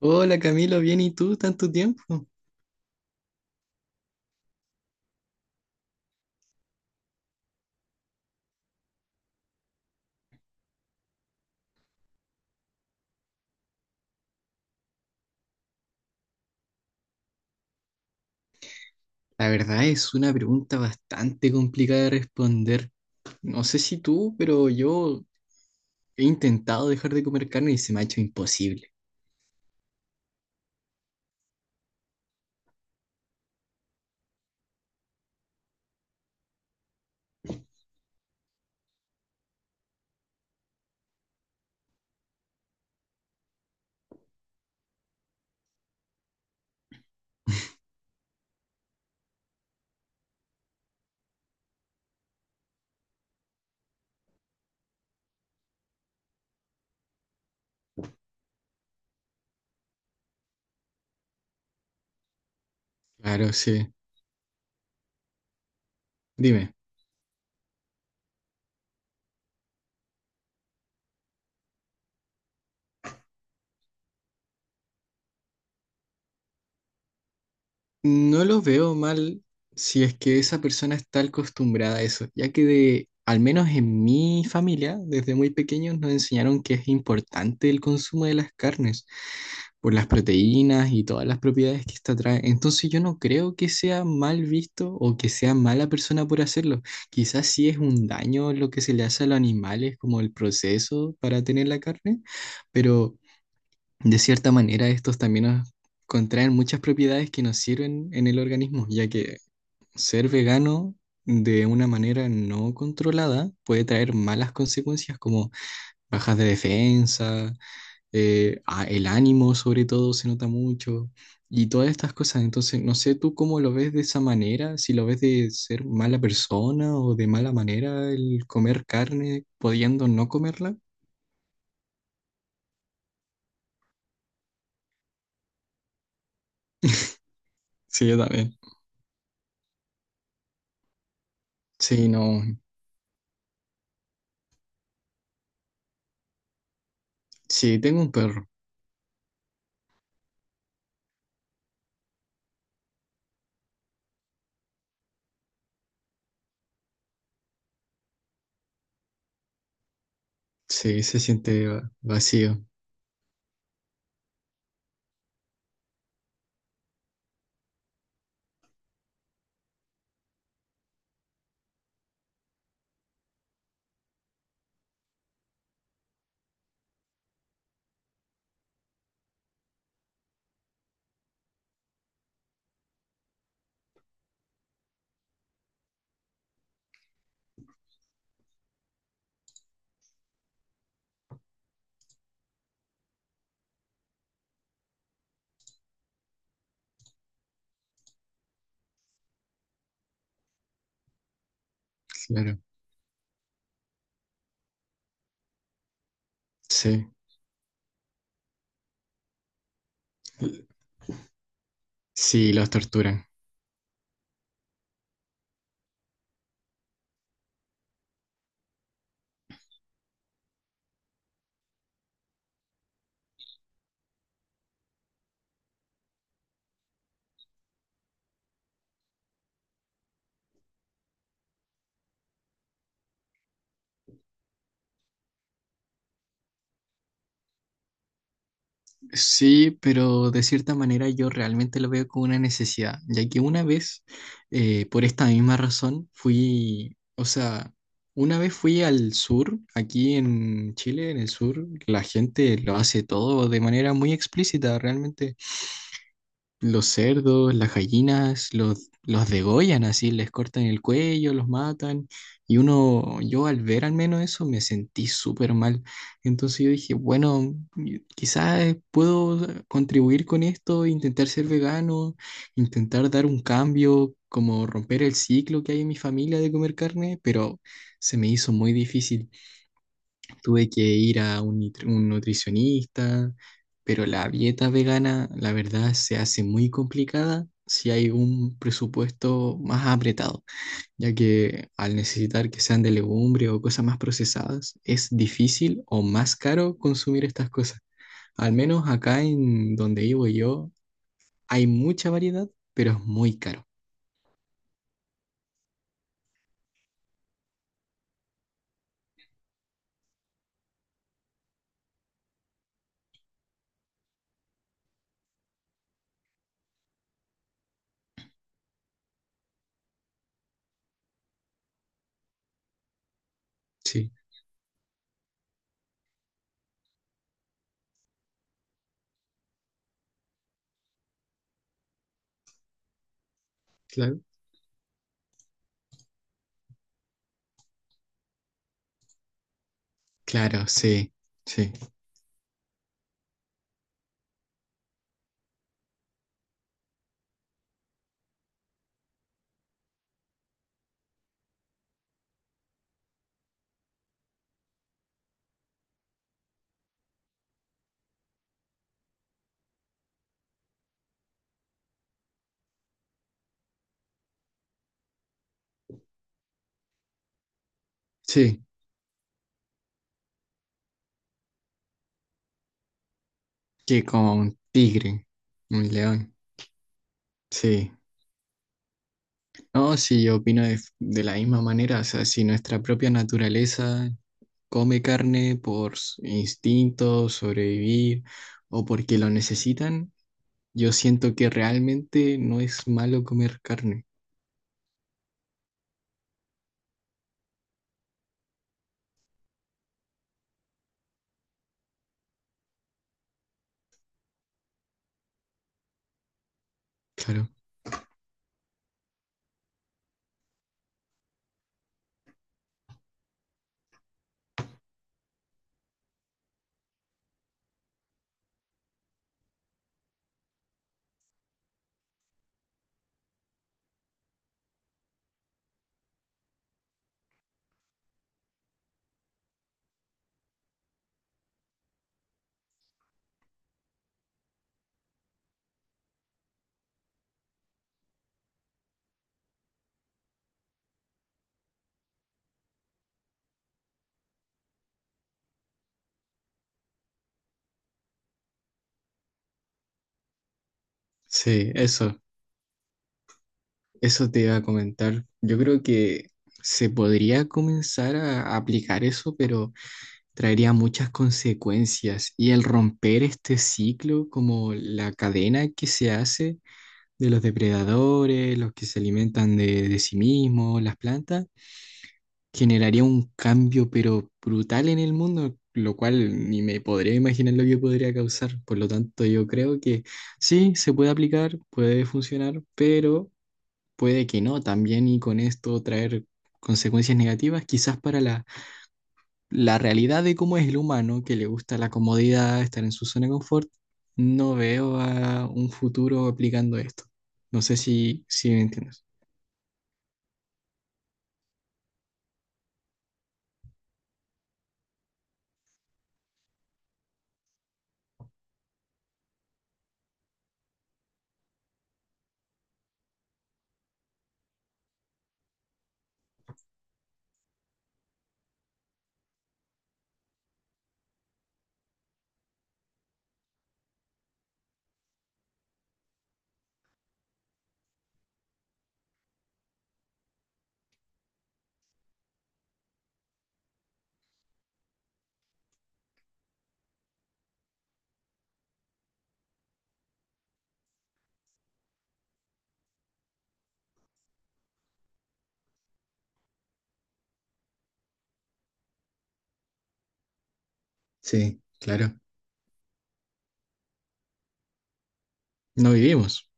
Hola Camilo, bien, ¿y tú? ¿Tanto tiempo? La verdad es una pregunta bastante complicada de responder. No sé si tú, pero yo he intentado dejar de comer carne y se me ha hecho imposible. Claro, sí. Dime, no lo veo mal si es que esa persona está acostumbrada a eso, ya que de, al menos en mi familia, desde muy pequeños nos enseñaron que es importante el consumo de las carnes, por las proteínas y todas las propiedades que esta trae. Entonces yo no creo que sea mal visto o que sea mala persona por hacerlo. Quizás sí es un daño lo que se le hace a los animales, como el proceso para tener la carne, pero de cierta manera estos también nos contraen muchas propiedades que nos sirven en el organismo, ya que ser vegano de una manera no controlada puede traer malas consecuencias como bajas de defensa, el ánimo sobre todo se nota mucho y todas estas cosas. Entonces, no sé tú cómo lo ves de esa manera, si lo ves de ser mala persona o de mala manera el comer carne pudiendo no comerla. Sí, yo también. Sí, no. Sí, tengo un perro. Sí, se siente vacío, claro. Sí, sí, los torturan. Sí, pero de cierta manera yo realmente lo veo como una necesidad, ya que una vez, por esta misma razón, fui, o sea, una vez fui al sur, aquí en Chile, en el sur, la gente lo hace todo de manera muy explícita, realmente los cerdos, las gallinas, los degollan así, les cortan el cuello, los matan. Y uno, yo al ver al menos eso me sentí súper mal. Entonces yo dije, bueno, quizás puedo contribuir con esto, intentar ser vegano, intentar dar un cambio, como romper el ciclo que hay en mi familia de comer carne, pero se me hizo muy difícil. Tuve que ir a un, un nutricionista, pero la dieta vegana, la verdad, se hace muy complicada si hay un presupuesto más apretado, ya que al necesitar que sean de legumbre o cosas más procesadas, es difícil o más caro consumir estas cosas. Al menos acá en donde vivo yo, hay mucha variedad, pero es muy caro. Sí, claro. Claro, sí, sí, sí, que con tigre, un león, sí. No, sí, yo opino de la misma manera, o sea, si nuestra propia naturaleza come carne por instinto, sobrevivir o porque lo necesitan, yo siento que realmente no es malo comer carne. Claro, sí, eso te iba a comentar. Yo creo que se podría comenzar a aplicar eso, pero traería muchas consecuencias y el romper este ciclo, como la cadena que se hace, de los depredadores, los que se alimentan de sí mismos, las plantas, generaría un cambio pero brutal en el mundo, lo cual ni me podría imaginar lo que podría causar. Por lo tanto, yo creo que sí, se puede aplicar, puede funcionar, pero puede que no también y con esto traer consecuencias negativas, quizás para la, la realidad de cómo es el humano, que le gusta la comodidad, estar en su zona de confort. No veo a un futuro aplicando esto. No sé si, si me entiendes. Sí, claro. No vivimos.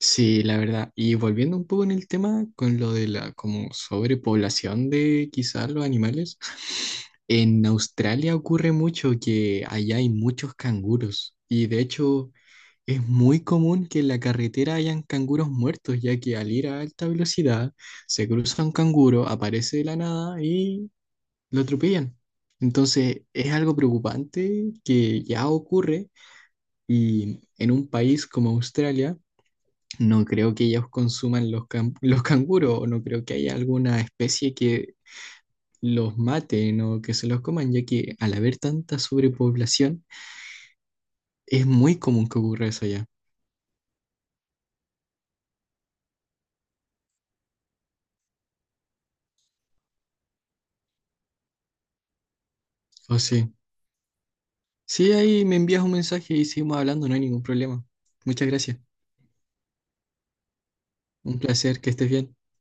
Sí, la verdad. Y volviendo un poco en el tema con lo de la como sobrepoblación de quizás los animales, en Australia ocurre mucho que allá hay muchos canguros y de hecho es muy común que en la carretera hayan canguros muertos, ya que al ir a alta velocidad se cruza un canguro, aparece de la nada y lo atropellan. Entonces es algo preocupante que ya ocurre. Y en un país como Australia, no creo que ellos consuman los, los canguros, o no creo que haya alguna especie que los maten o que se los coman, ya que al haber tanta sobrepoblación, es muy común que ocurra eso allá. O sí. Sí, ahí me envías un mensaje y seguimos hablando, no hay ningún problema. Muchas gracias. Un placer, que estés bien.